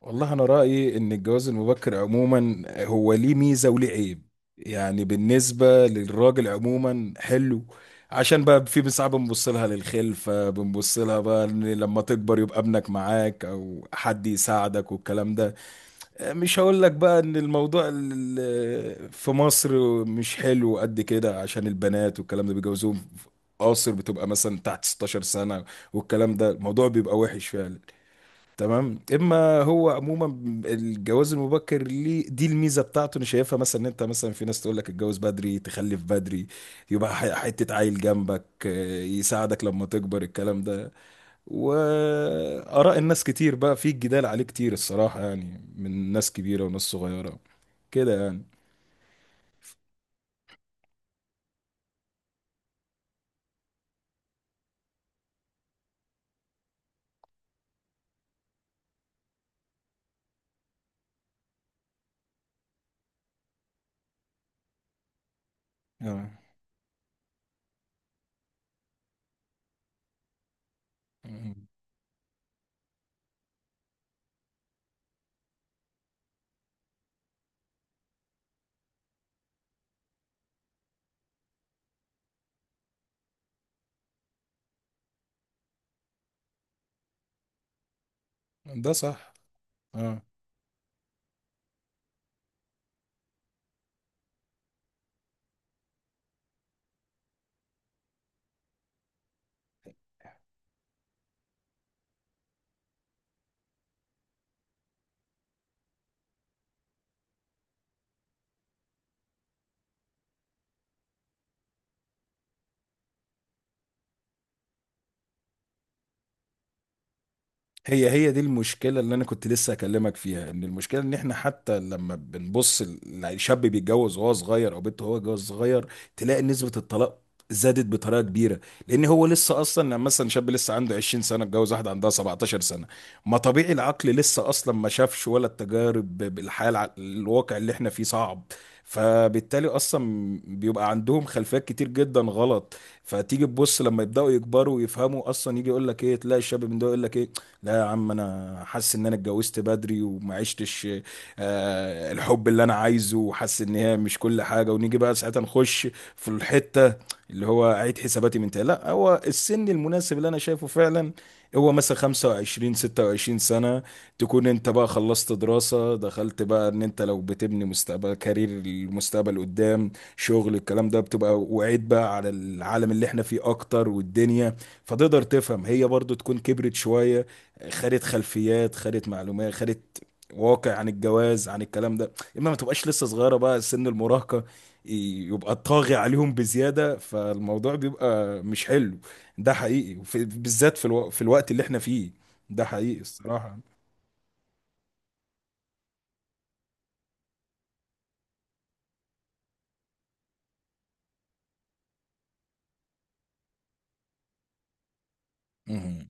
والله أنا رأيي إن الجواز المبكر عموما هو ليه ميزة وليه عيب. يعني بالنسبة للراجل عموما حلو، عشان بقى في ساعات بنبص لها للخلفة، بنبص لها بقى إن لما تكبر يبقى ابنك معاك أو حد يساعدك والكلام ده. مش هقول لك بقى إن الموضوع في مصر مش حلو قد كده، عشان البنات والكلام ده بيجوزوهم قاصر، بتبقى مثلا تحت 16 سنة والكلام ده، الموضوع بيبقى وحش فعلا. تمام. اما هو عموما الجواز المبكر ليه دي الميزه بتاعته، انا شايفها مثلا ان انت مثلا في ناس تقول لك اتجوز بدري تخلف بدري، يبقى حته عيل جنبك، يساعدك لما تكبر الكلام ده. واراء الناس كتير بقى، في جدال عليه كتير الصراحه يعني، من ناس كبيره وناس صغيره كده يعني. آه. مم. ده صح اه. هي دي المشكلة اللي أنا كنت لسه أكلمك فيها، إن المشكلة إن إحنا حتى لما بنبص الشاب بيتجوز وهو صغير أو بنت وهو جواز صغير، تلاقي نسبة الطلاق زادت بطريقة كبيرة. لأن هو لسه أصلا، لما مثلا شاب لسه عنده 20 سنة اتجوز واحدة عندها 17 سنة، ما طبيعي العقل لسه أصلا ما شافش ولا التجارب بالحياة، الواقع اللي إحنا فيه صعب. فبالتالي اصلا بيبقى عندهم خلفيات كتير جدا غلط. فتيجي تبص لما يبداوا يكبروا ويفهموا اصلا، يجي يقول لك ايه، تلاقي الشاب من ده يقول لك ايه، لا يا عم انا حاسس ان انا اتجوزت بدري وما عشتش الحب اللي انا عايزه، وحاسس ان هي مش كل حاجه. ونيجي بقى ساعتها نخش في الحته اللي هو اعيد حساباتي من تاني. لا، هو السن المناسب اللي انا شايفه فعلا هو مثلا 25 26 سنه. تكون انت بقى خلصت دراسه، دخلت بقى ان انت لو بتبني مستقبل كارير المستقبل قدام شغل الكلام ده، بتبقى وعيد بقى على العالم اللي احنا فيه اكتر والدنيا، فتقدر تفهم. هي برضو تكون كبرت شويه، خدت خلفيات خدت معلومات خدت واقع عن الجواز عن الكلام ده، اما ما تبقاش لسه صغيره بقى سن المراهقه يبقى طاغي عليهم بزياده، فالموضوع بيبقى مش حلو. ده حقيقي. بالذات في في الوقت اللي احنا فيه، ده حقيقي الصراحه. مهم.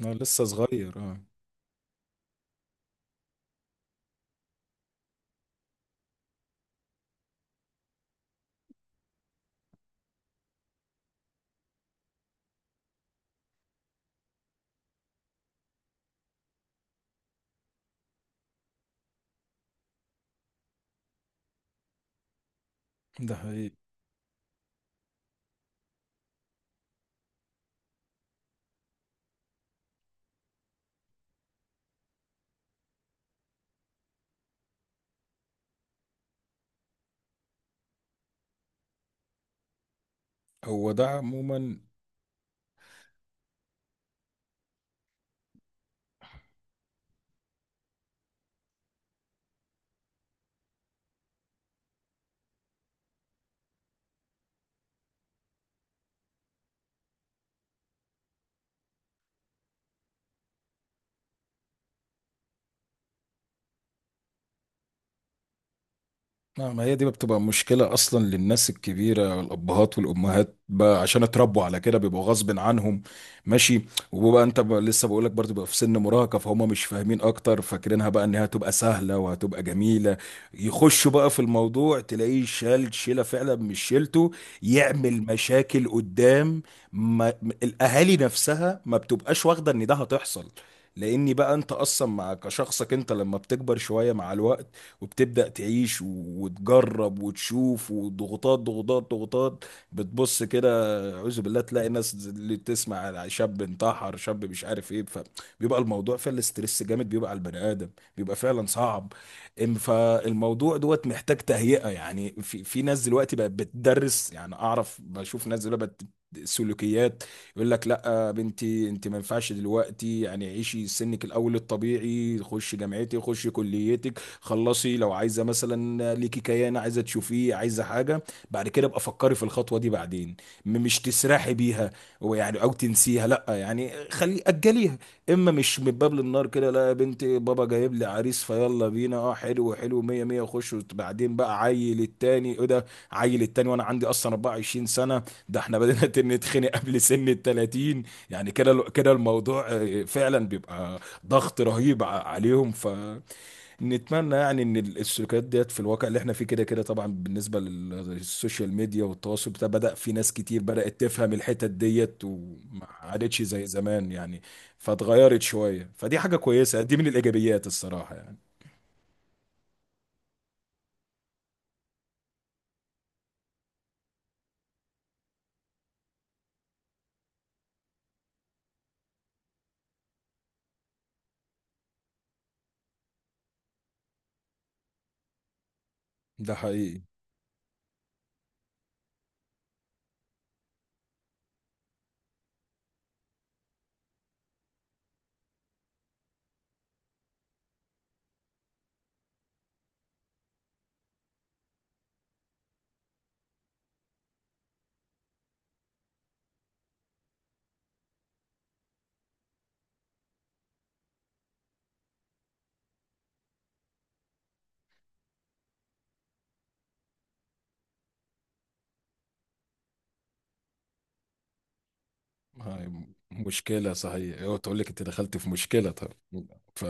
انا لسه صغير اه. ده حقيقي. هو ده عموما. لا، ما هي دي بتبقى مشكلة أصلا للناس الكبيرة، الأبهات والأمهات بقى، عشان اتربوا على كده بيبقوا غصب عنهم. ماشي. وبقى أنت بقى لسه بقولك برضه بقى في سن مراهقة، فهم مش فاهمين أكتر، فاكرينها بقى إنها هتبقى سهلة وهتبقى جميلة. يخشوا بقى في الموضوع، تلاقيه شال شيلة فعلا مش شيلته، يعمل مشاكل قدام. ما م- الأهالي نفسها ما بتبقاش واخدة إن ده هتحصل، لأني بقى أنت أصلا مع كشخصك، أنت لما بتكبر شوية مع الوقت وبتبدأ تعيش وتجرب وتشوف، وضغوطات ضغوطات ضغوطات. بتبص كده، أعوذ بالله، تلاقي ناس اللي تسمع على شاب انتحر، شاب مش عارف ايه، فبيبقى الموضوع فعلا، الاسترس جامد بيبقى على البني آدم، بيبقى فعلا صعب. فالموضوع دوت محتاج تهيئة، يعني في ناس دلوقتي بقت بتدرس، يعني أعرف بشوف ناس دلوقتي بقت سلوكيات، يقول لك لا بنتي انت ما ينفعش دلوقتي، يعني عيشي سنك الاول الطبيعي، خشي جامعتك، خشي كليتك خلصي. لو عايزه مثلا ليكي كيان، عايزه تشوفيه، عايزه حاجه، بعد كده ابقى فكري في الخطوه دي بعدين، مش تسرحي بيها ويعني او تنسيها، لا يعني خلي اجليها. اما مش من باب للنار كده، لا يا بنتي بابا جايب لي عريس فيلا بينا اه حلو حلو مية مية خش، بعدين بقى عيل التاني ايه ده، عيل التاني وانا عندي اصلا 24 سنه، ده احنا بدأنا نتخنق قبل سن ال 30. يعني كده كده الموضوع فعلا بيبقى ضغط رهيب عليهم، ف نتمنى يعني ان السلوكيات ديت في الواقع اللي احنا فيه كده كده طبعا، بالنسبه للسوشيال ميديا والتواصل بتاع، بدا في ناس كتير بدات تفهم الحتت ديت وما عادتش زي زمان يعني، فاتغيرت شويه، فدي حاجه كويسه، دي من الايجابيات الصراحه يعني. ده حقيقي. هاي مشكله صحيح، هو تقول لك انت دخلت في مشكله، طب ف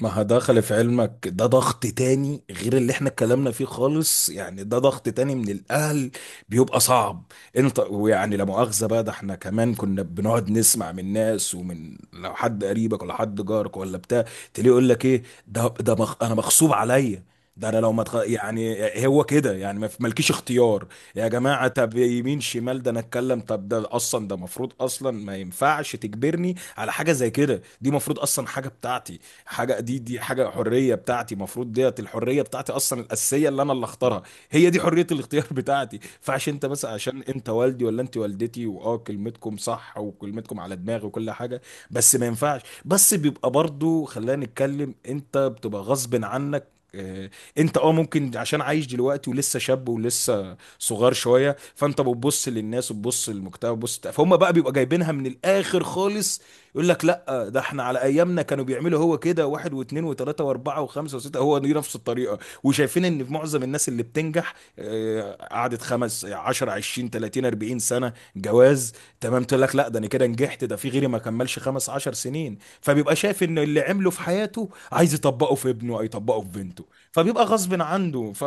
ما هدخل في علمك، ده ضغط تاني غير اللي احنا اتكلمنا فيه خالص يعني، ده ضغط تاني من الاهل، بيبقى صعب. انت ويعني لا مؤاخذة بقى، ده احنا كمان كنا بنقعد نسمع من ناس، ومن لو حد قريبك ولا حد جارك ولا بتاع، تلاقيه يقول لك ايه ده مخ انا مغصوب عليا، ده انا لو ما تخ... يعني هو كده يعني ما في- مالكيش اختيار. يا جماعه، طب يمين شمال ده انا اتكلم، طب ده اصلا ده مفروض اصلا ما ينفعش تجبرني على حاجه زي كده، دي مفروض اصلا حاجه بتاعتي، حاجه، دي حاجه حريه بتاعتي المفروض، ديت الحريه بتاعتي اصلا الاساسيه اللي انا اللي اختارها، هي دي حريه الاختيار بتاعتي. فعشان انت مثلا عشان انت والدي ولا انت والدتي، واه كلمتكم صح وكلمتكم على دماغي وكل حاجه، بس ما ينفعش. بس بيبقى برضو، خلينا نتكلم، انت بتبقى غصب عنك، انت اه ممكن عشان عايش دلوقتي ولسه شاب ولسه صغار شويه، فانت بتبص للناس وبتبص للمجتمع وبتبص، فهم بقى بيبقى جايبينها من الاخر خالص، يقول لك لا، ده احنا على ايامنا كانوا بيعملوا هو كده، واحد واثنين وثلاثه واربعه وخمسه وسته، هو دي نفس الطريقه، وشايفين ان في معظم الناس اللي بتنجح قعدت خمس 10 20 30 40 سنه جواز، تمام. تقول لك لا، ده انا كده نجحت، ده في غيري ما كملش خمس 10 سنين، فبيبقى شايف ان اللي عمله في حياته عايز يطبقه في ابنه او يطبقه في بنته، فبيبقى غصب عنده.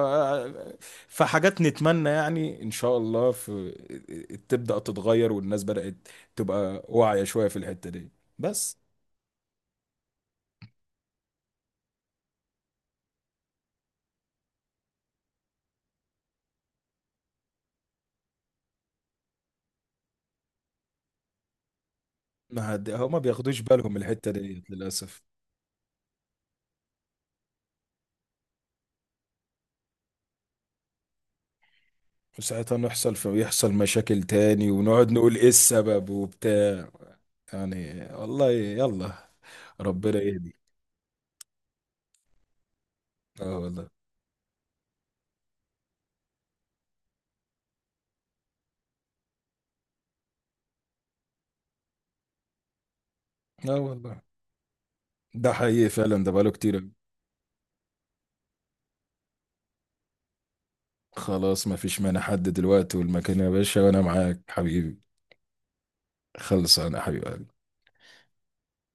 فحاجات نتمنى يعني ان شاء الله تبدأ تتغير، والناس بدأت تبقى واعية شوية في الحتة دي. بس ما هد... هما بياخدوش بالهم من الحتة دي للأسف، وساعتها نحصل في يحصل مشاكل تاني ونقعد نقول ايه السبب وبتاع. يعني والله يلا، ربنا يهدي. اه والله. اه والله ده حقيقي فعلا، ده بقاله كتير أوي. خلاص ما فيش مانع، حد دلوقتي والمكان يا باشا، وانا معاك حبيبي. خلص انا حبيبي.